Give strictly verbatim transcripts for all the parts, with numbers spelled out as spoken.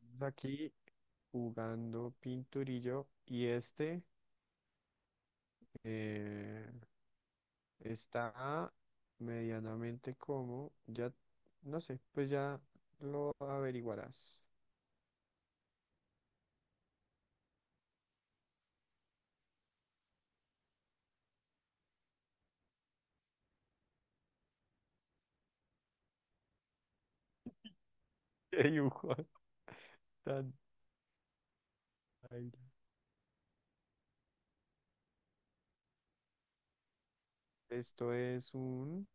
Estamos aquí jugando Pinturillo y este eh, está medianamente como, ya no sé, pues ya lo averiguarás. Qué dibujo tan baila. Esto es un,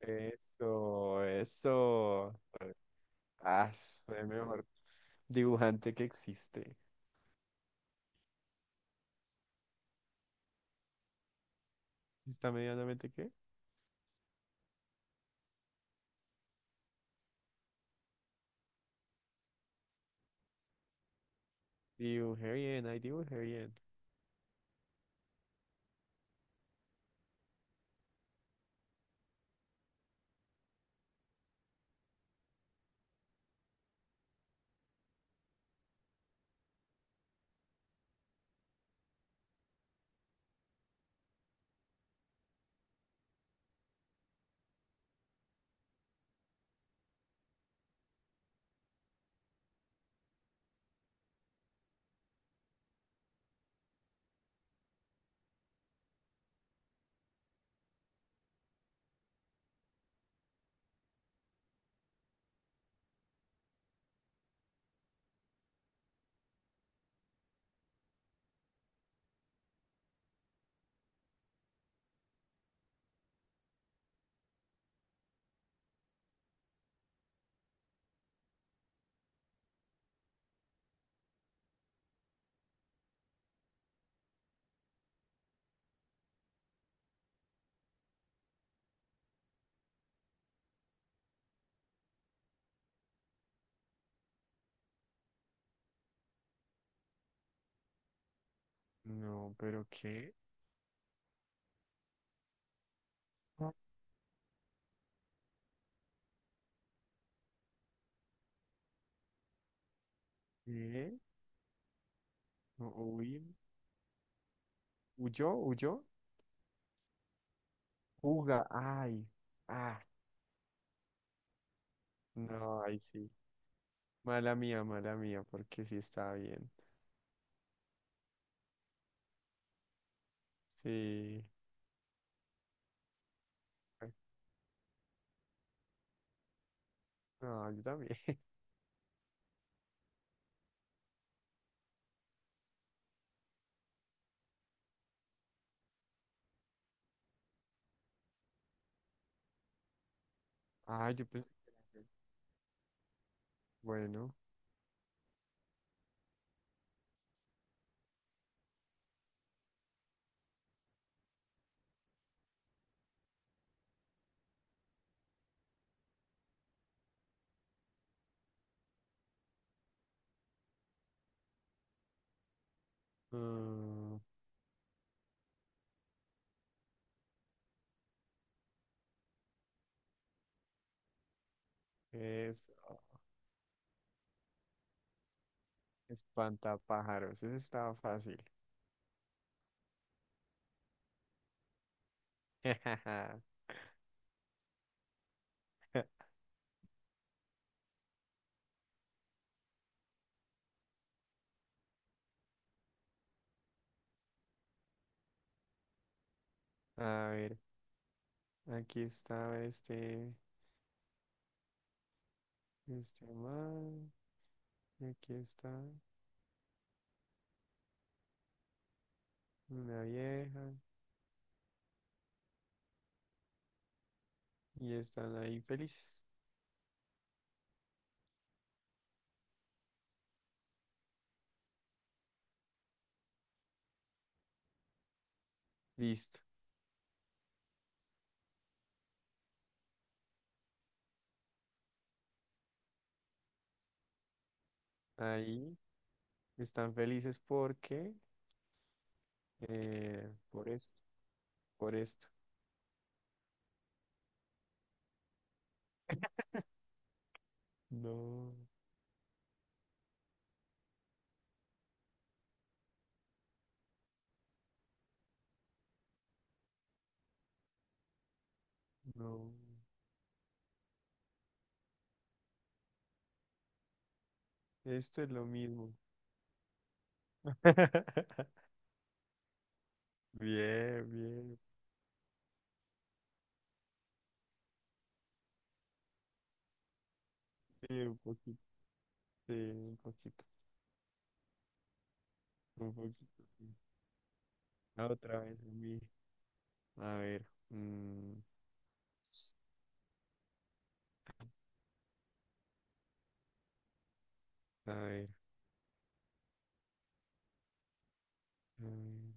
eso, eso. Ah, soy el mejor dibujante que existe. ¿Está medianamente qué? Dibujé bien, ahí dibujé bien. No, pero ¿qué? ¿Qué? No, uy, ¿huyó? ¿Huyó? Juga. Ay. Ah, no, ahí sí. Mala mía, mala mía, porque sí está bien. Sí. Ay, no, yo también. Ah, yo pensé que era yo. Bueno. mm, es espantapájaros. Ese estaba fácil. A ver, aquí está este, este man, y aquí está una vieja, y están ahí felices. Listo. Ahí están felices porque, eh, por esto, por esto. No, no, esto es lo mismo. Bien, bien, sí, un poquito, sí, un poquito, un poquito. Sí. Ah, otra vez a mí. A ver, mm, a ver. mm,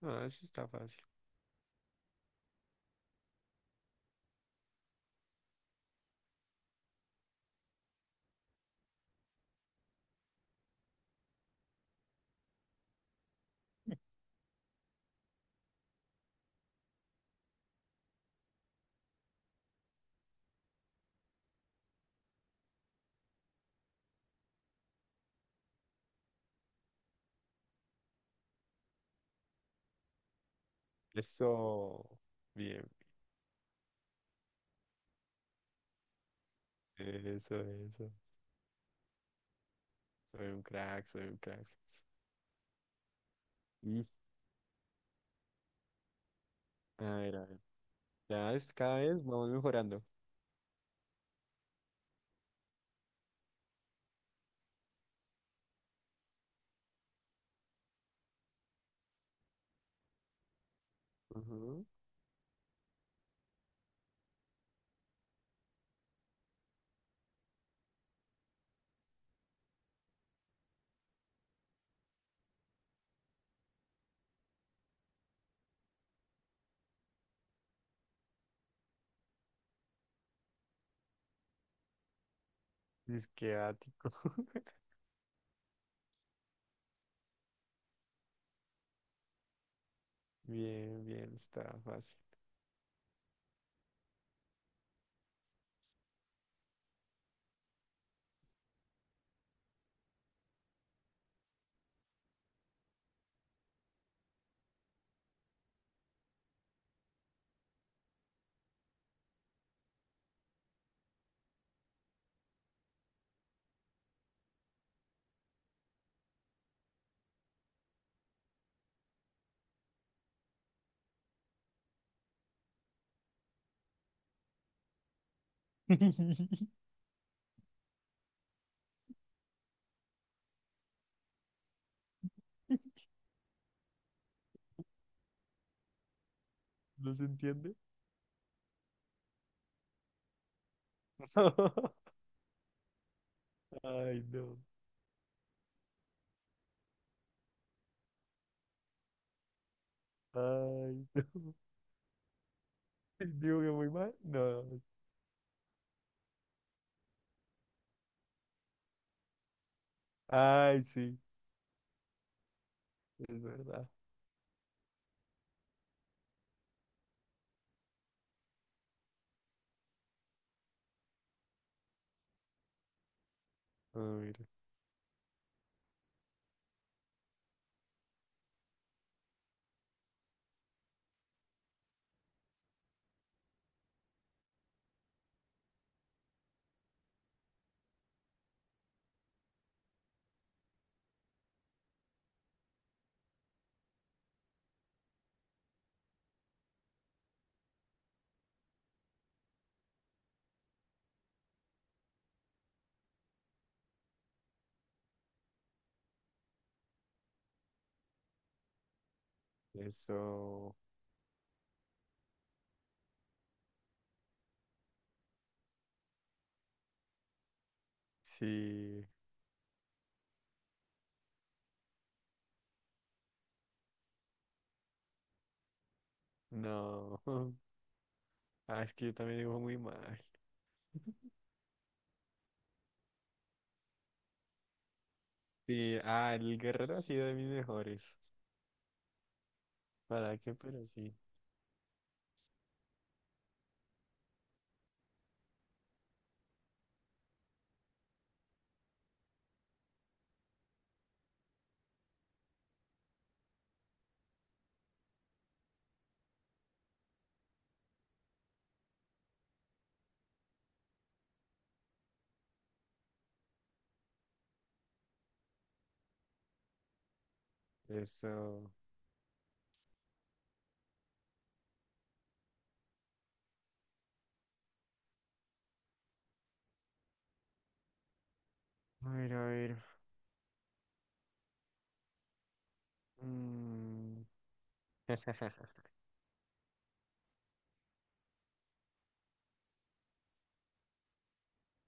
No, eso está fácil. Eso, bien, eso, eso. Soy un crack, soy un crack. Y, a ver, a ver. Ya es, cada vez vamos mejorando. Ujú. Que Bien, bien, está fácil. ¿No se entiende? Ay, no. Ay, no. Digo que muy mal. No. Ay, sí, es verdad. Ah, mira, eso. Sí, no. Ah, es que yo también digo muy mal. Sí, ah, el guerrero ha sido de mis mejores. ¿Para qué? Pero sí. Eso. A ver, a ver. Mm.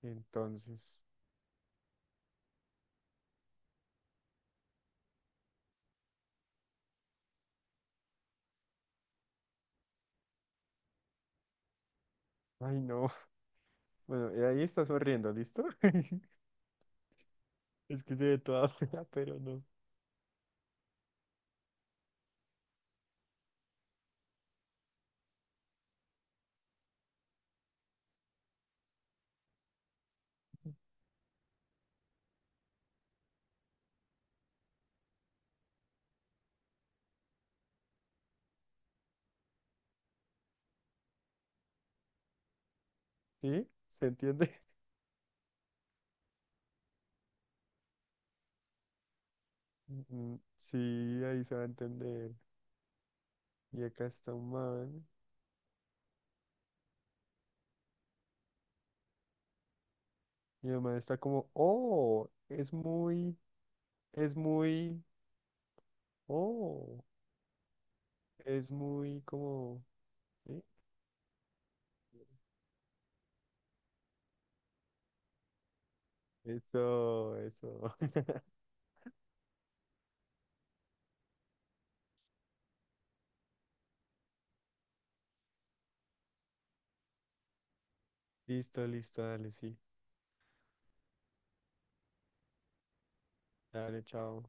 Entonces. Ay, no. Bueno, y ahí está sonriendo, ¿listo? Es que se ve toda fea, pero no. ¿Sí? ¿Se entiende? Mm, mm, sí, ahí se va a entender. Y acá está un man. Y el man está como, oh, es muy, es muy, oh, es muy como, ¿sí? Eso, eso. Listo, listo, dale, sí. Dale, chao.